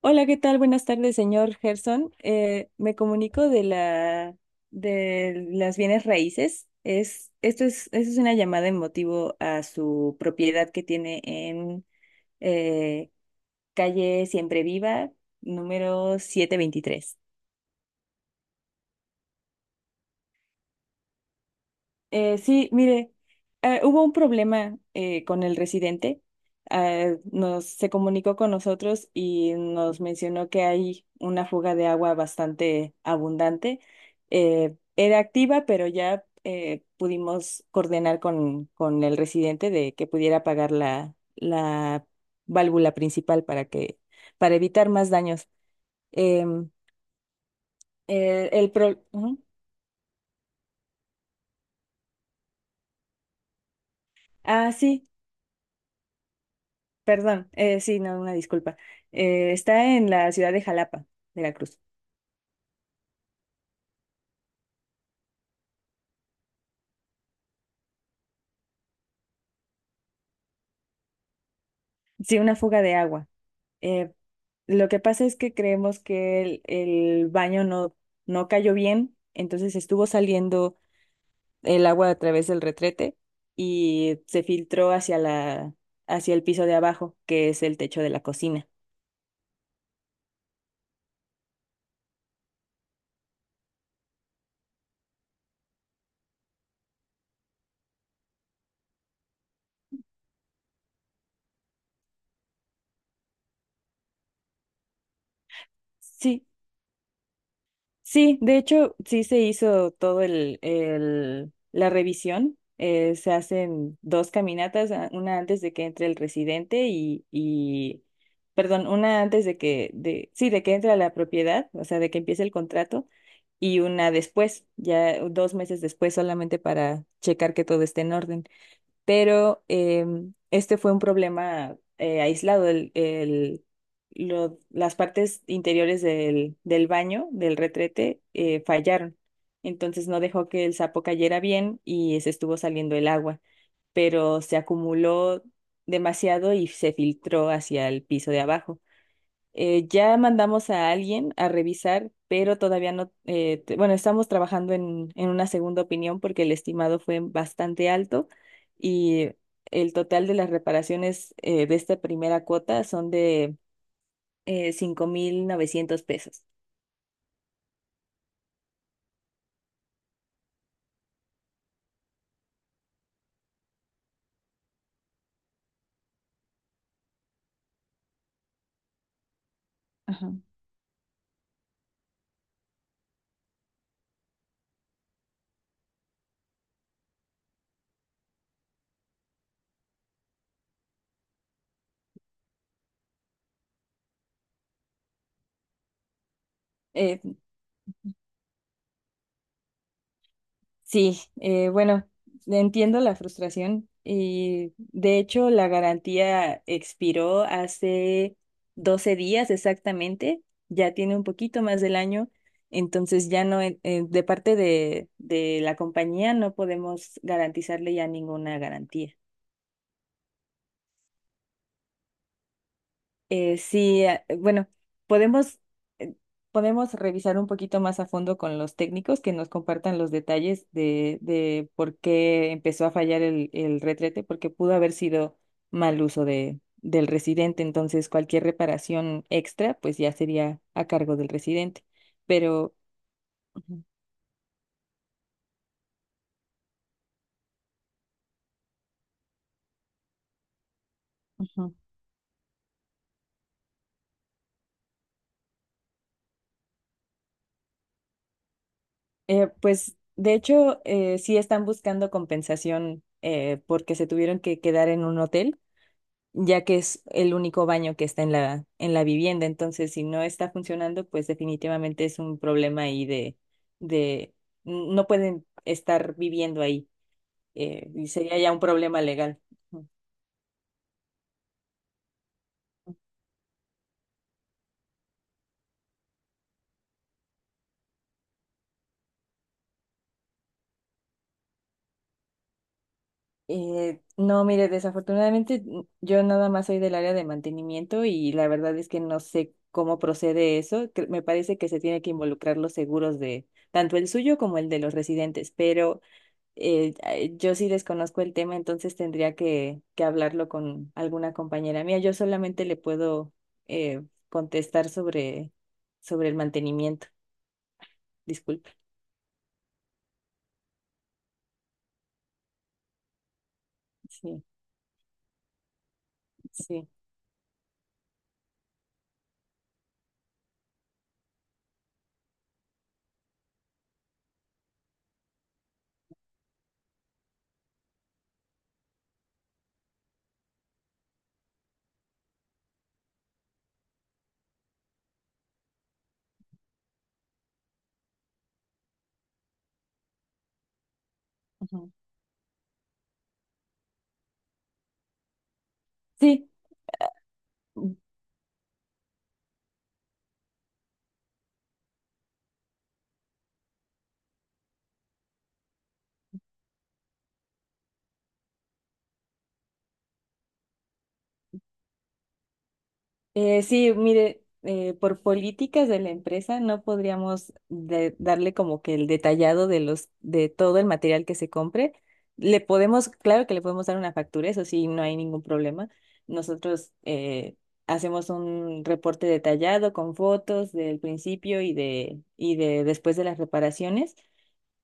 Hola, ¿qué tal? Buenas tardes, señor Gerson. Me comunico de la de las bienes raíces. Esto es una llamada en motivo a su propiedad que tiene en eh, calle Siempre Viva, número 723. Sí, mire, hubo un problema con el residente. Ah, nos se comunicó con nosotros y nos mencionó que hay una fuga de agua bastante abundante. Era activa, pero ya pudimos coordinar con el residente de que pudiera apagar la válvula principal para evitar más daños. Em, Ujú. Ah, sí. Perdón, sí, no, una disculpa. Está en la ciudad de Jalapa, Veracruz. Sí, una fuga de agua. Eh, lo que pasa es que creemos que el baño no cayó bien, entonces estuvo saliendo el agua a través del retrete y se filtró hacia hacia el piso de abajo, que es el techo de la cocina. Sí, Sí, de hecho, sí se hizo todo la revisión. Se hacen 2 caminatas, una antes de que entre el residente perdón, una antes de de que entre a la propiedad, o sea, de que empiece el contrato, y una después, ya 2 meses después, solamente para checar que todo esté en orden, pero este fue un problema aislado. Las partes interiores del baño, del retrete, fallaron. Entonces no dejó que el sapo cayera bien y se estuvo saliendo el agua, pero se acumuló demasiado y se filtró hacia el piso de abajo. Ya mandamos a alguien a revisar, pero todavía no, bueno, estamos trabajando en una segunda opinión porque el estimado fue bastante alto y el total de las reparaciones de esta primera cuota son de $5,900. Ajá. Sí, bueno, entiendo la frustración y de hecho la garantía expiró hace 12 días exactamente, ya tiene un poquito más del año, entonces ya no, de parte de la compañía no podemos garantizarle ya ninguna garantía. Sí, ah, bueno, podemos, eh, podemos revisar un poquito más a fondo con los técnicos que nos compartan los detalles de por qué empezó a fallar el retrete, porque pudo haber sido mal uso del residente, entonces cualquier reparación extra pues ya sería a cargo del residente. Pero, Ujú, ujú. Pues de hecho, sí están buscando compensación porque se tuvieron que quedar en un hotel, ya que es el único baño que está en en la vivienda. Entonces, si no está funcionando, pues definitivamente es un problema ahí de no pueden estar viviendo ahí. Y sería ya un problema legal. Ujú. No, mire, desafortunadamente yo nada más soy del área de mantenimiento y la verdad es que no sé cómo procede eso. Me parece que se tiene que involucrar los seguros de tanto el suyo como el de los residentes, pero yo sí desconozco el tema, entonces tendría que hablarlo con alguna compañera mía. Yo solamente le puedo eh, contestar sobre el mantenimiento. Disculpe. Sí, sí. Ujú. Sí. Sí, mire, por políticas de la empresa no podríamos darle como que el detallado de todo el material que se compre. Le podemos, claro que le podemos dar una factura, eso sí, no hay ningún problema. Nosotros hacemos un reporte detallado con fotos del principio y de después de las reparaciones,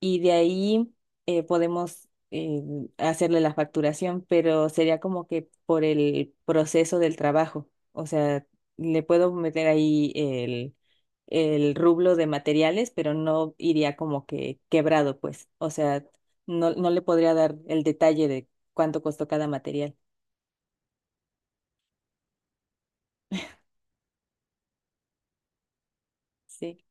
y de ahí podemos hacerle la facturación, pero sería como que por el proceso del trabajo. O sea, le puedo meter ahí el rublo de materiales, pero no iría como que quebrado, pues. O sea, no le podría dar el detalle de cuánto costó cada material. Sí.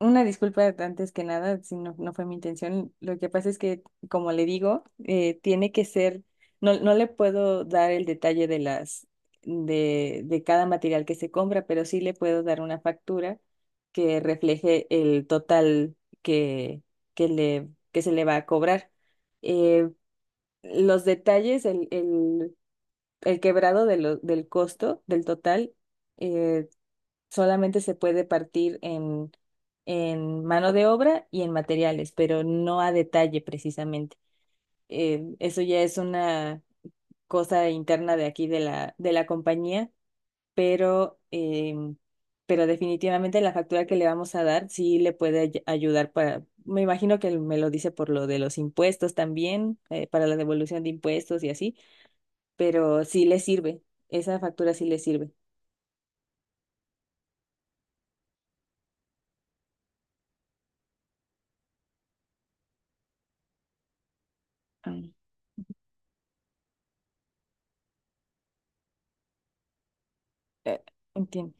Una disculpa antes que nada, si no, no fue mi intención. Lo que pasa es que, como le digo, tiene que ser, no, no le puedo dar el detalle de de cada material que se compra, pero sí le puedo dar una factura que refleje el total que, que que se le va a cobrar. Eh, los detalles, el quebrado de del costo, del total. eh, Solamente se puede partir en mano de obra y en materiales, pero no a detalle precisamente. Eso ya es una cosa interna de aquí de de la compañía, pero, pero definitivamente la factura que le vamos a dar sí le puede ayudar para, me imagino que me lo dice por lo de los impuestos también, para la devolución de impuestos y así, pero sí le sirve, esa factura sí le sirve. Ah, eh, entiendo.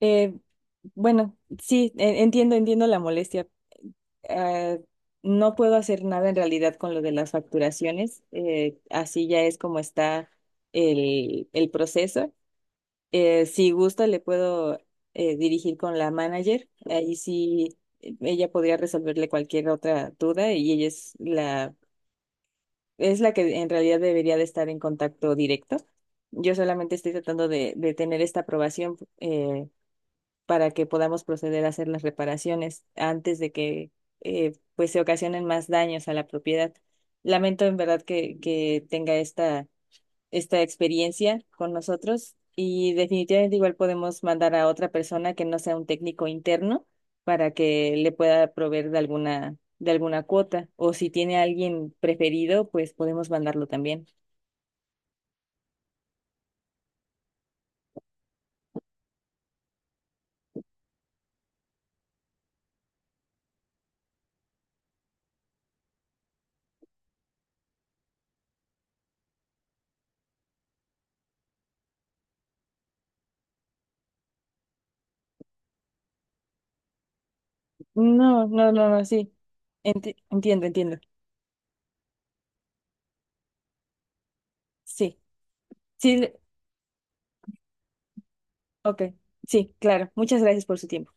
Eh, bueno, sí, entiendo, entiendo la molestia. Eh, no puedo hacer nada en realidad con lo de las facturaciones. Así ya es como está el proceso. Si gusta, le puedo dirigir con la manager. Ahí sí, ella podría resolverle cualquier otra duda y ella es es la que en realidad debería de estar en contacto directo. Yo solamente estoy tratando de tener esta aprobación. Para que podamos proceder a hacer las reparaciones antes de que pues se ocasionen más daños a la propiedad. Lamento en verdad que tenga esta experiencia con nosotros, y definitivamente igual podemos mandar a otra persona que no sea un técnico interno para que le pueda proveer de alguna cuota, o si tiene alguien preferido, pues podemos mandarlo también. No, no, no, no, sí. Entiendo, entiendo. Sí, sí, ok, sí, claro. Muchas gracias por su tiempo.